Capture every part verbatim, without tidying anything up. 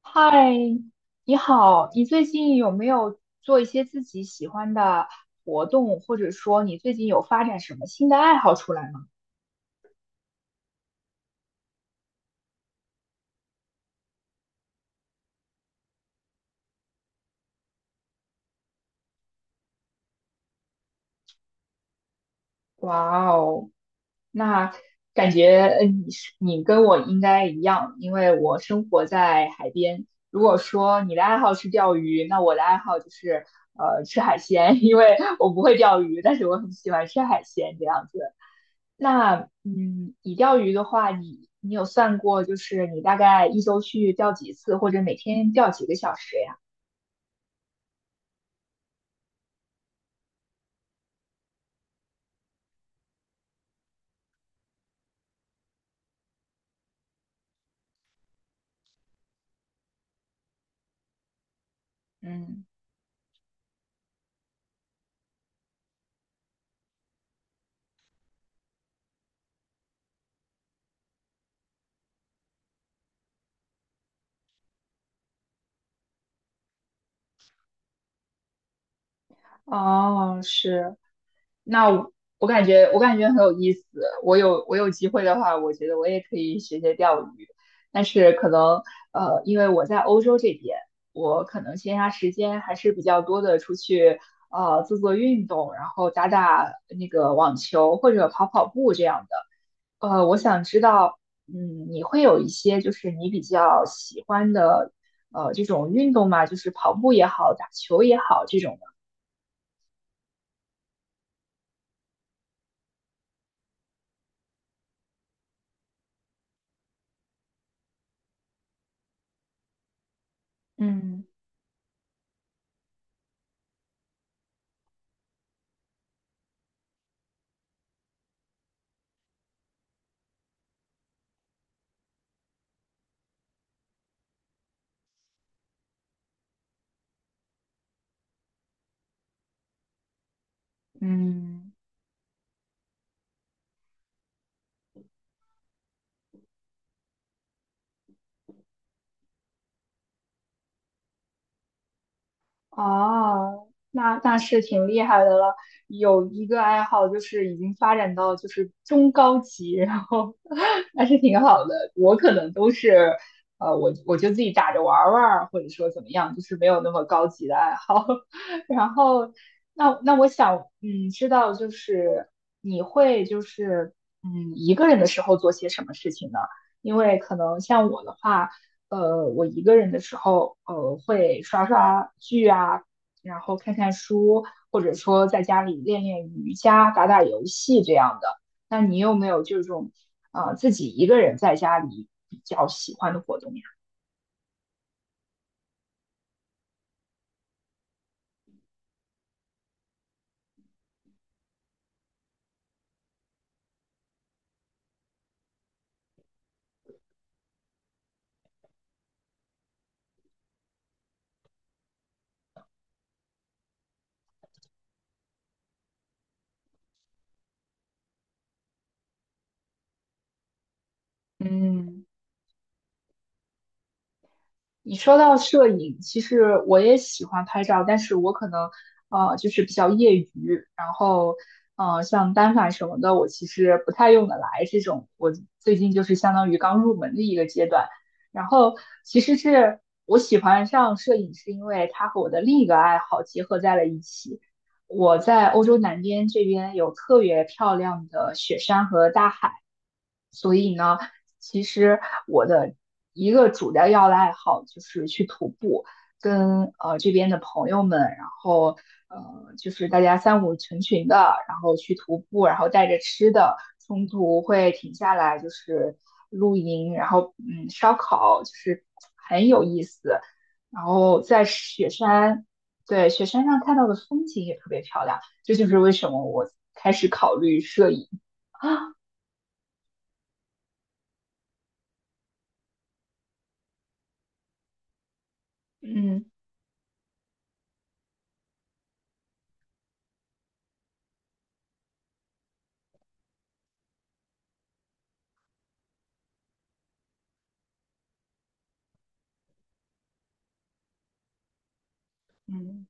嗨，你好，你最近有没有做一些自己喜欢的活动，或者说你最近有发展什么新的爱好出来吗？哇哦，那感觉嗯，你是你跟我应该一样，因为我生活在海边。如果说你的爱好是钓鱼，那我的爱好就是呃吃海鲜，因为我不会钓鱼，但是我很喜欢吃海鲜这样子。那嗯，你钓鱼的话，你你有算过，就是你大概一周去钓几次，或者每天钓几个小时呀？嗯，哦，是，那我我感觉我感觉很有意思。我有我有机会的话，我觉得我也可以学学钓鱼，但是可能呃，因为我在欧洲这边，我可能闲暇时间还是比较多的，出去呃做做运动，然后打打那个网球或者跑跑步这样的。呃，我想知道，嗯，你会有一些就是你比较喜欢的，呃，这种运动嘛，就是跑步也好，打球也好，这种的。嗯。嗯。哦，那那是挺厉害的了。有一个爱好就是已经发展到就是中高级，然后 还是挺好的。我可能都是，呃，我我就自己打着玩儿玩儿，或者说怎么样，就是没有那么高级的爱好。然后，那那我想，嗯，知道就是你会就是嗯一个人的时候做些什么事情呢？因为可能像我的话。呃，我一个人的时候，呃，会刷刷剧啊，然后看看书，或者说在家里练练瑜伽、打打游戏这样的。那你有没有这种呃自己一个人在家里比较喜欢的活动呀？嗯。你说到摄影，其实我也喜欢拍照，但是我可能呃就是比较业余，然后呃像单反什么的，我其实不太用得来。这种我最近就是相当于刚入门的一个阶段。然后其实是我喜欢上摄影，是因为它和我的另一个爱好结合在了一起。我在欧洲南边这边有特别漂亮的雪山和大海。所以呢，其实我的一个主要要的爱好就是去徒步，跟呃这边的朋友们，然后呃就是大家三五成群的，然后去徒步，然后带着吃的，中途会停下来就是露营，然后嗯烧烤，就是很有意思。然后在雪山，对雪山上看到的风景也特别漂亮，这就是为什么我开始考虑摄影。嗯。嗯。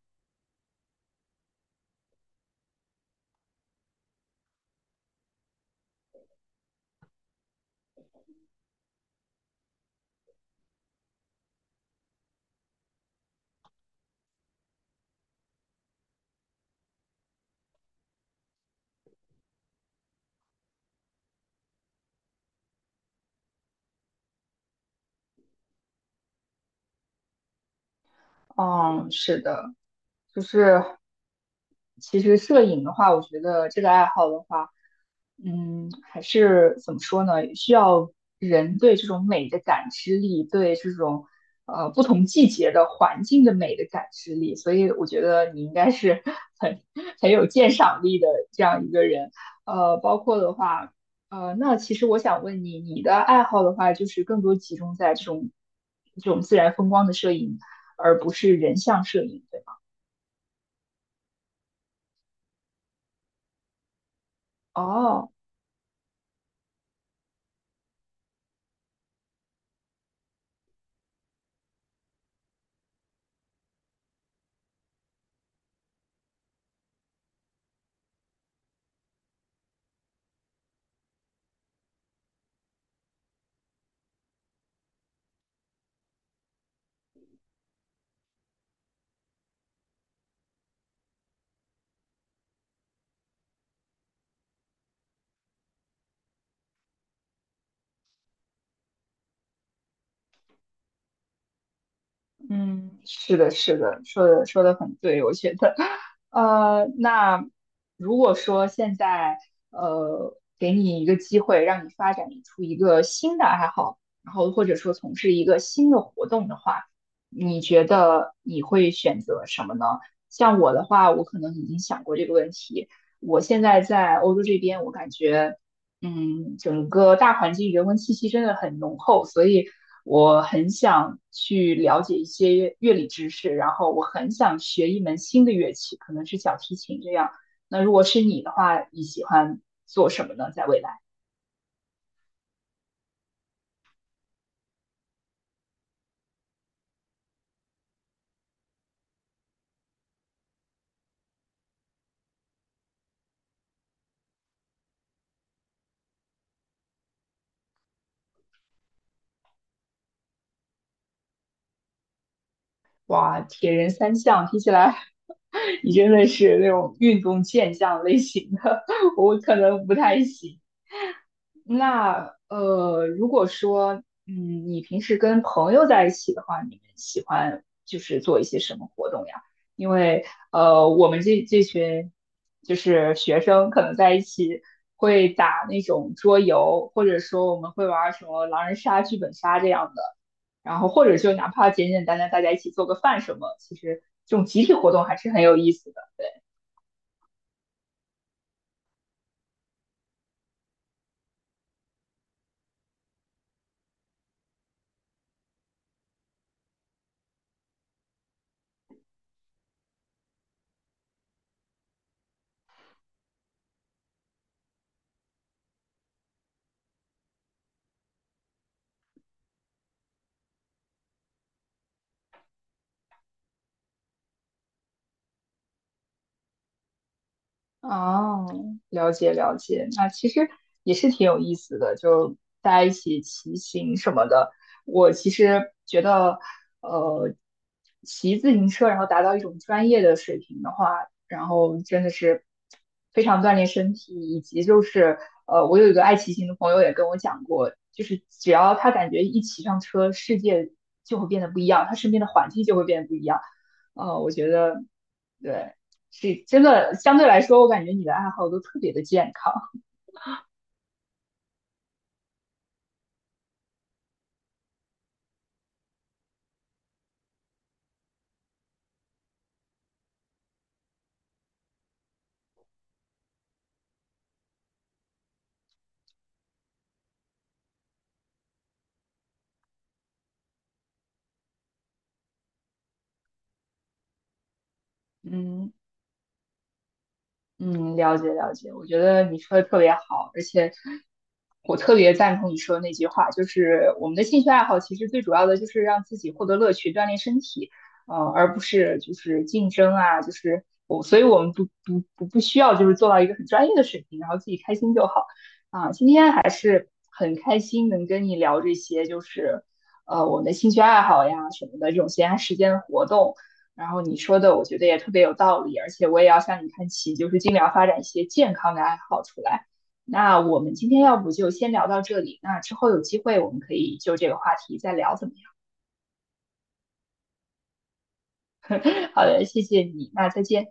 嗯，是的，就是其实摄影的话，我觉得这个爱好的话，嗯，还是怎么说呢？需要人对这种美的感知力，对这种呃不同季节的环境的美的感知力，所以我觉得你应该是 很很有鉴赏力的这样一个人。呃，包括的话，呃，那其实我想问你，你的爱好的话，就是更多集中在这种这种自然风光的摄影，而不是人像摄影。哦，嗯，是的，是的，说的说的很对，我觉得，呃，那如果说现在呃给你一个机会，让你发展出一个新的爱好，然后或者说从事一个新的活动的话，你觉得你会选择什么呢？像我的话，我可能已经想过这个问题。我现在在欧洲这边，我感觉。嗯，整个大环境人文气息真的很浓厚，所以我很想去了解一些乐理知识，然后我很想学一门新的乐器，可能是小提琴这样。那如果是你的话，你喜欢做什么呢？在未来？哇，铁人三项，听起来 你真的是那种运动健将类型的，我可能不太行。那呃，如果说，嗯，你平时跟朋友在一起的话，你们喜欢就是做一些什么活动呀？因为呃，我们这这群就是学生，可能在一起会打那种桌游，或者说我们会玩儿什么狼人杀、剧本杀这样的，然后或者就哪怕简简单单大家一起做个饭什么，其实这种集体活动还是很有意思的。哦，了解了解，那其实也是挺有意思的，就大家一起骑行什么的。我其实觉得，呃，骑自行车然后达到一种专业的水平的话，然后真的是非常锻炼身体，以及就是呃，我有一个爱骑行的朋友也跟我讲过，就是只要他感觉一骑上车，世界就会变得不一样，他身边的环境就会变得不一样。呃，我觉得对。是真的，相对来说，我感觉你的爱好都特别的健康。嗯，嗯，了解了解，我觉得你说的特别好，而且我特别赞同你说的那句话，就是我们的兴趣爱好其实最主要的就是让自己获得乐趣，锻炼身体，呃，而不是就是竞争啊，就是我，所以我们不不不不需要就是做到一个很专业的水平，然后自己开心就好啊。今天还是很开心能跟你聊这些，就是呃我们的兴趣爱好呀什么的这种闲暇时间的活动。然后你说的，我觉得也特别有道理，而且我也要向你看齐，就是尽量发展一些健康的爱好出来。那我们今天要不就先聊到这里，那之后有机会我们可以就这个话题再聊，怎么样？好的，谢谢你，那再见。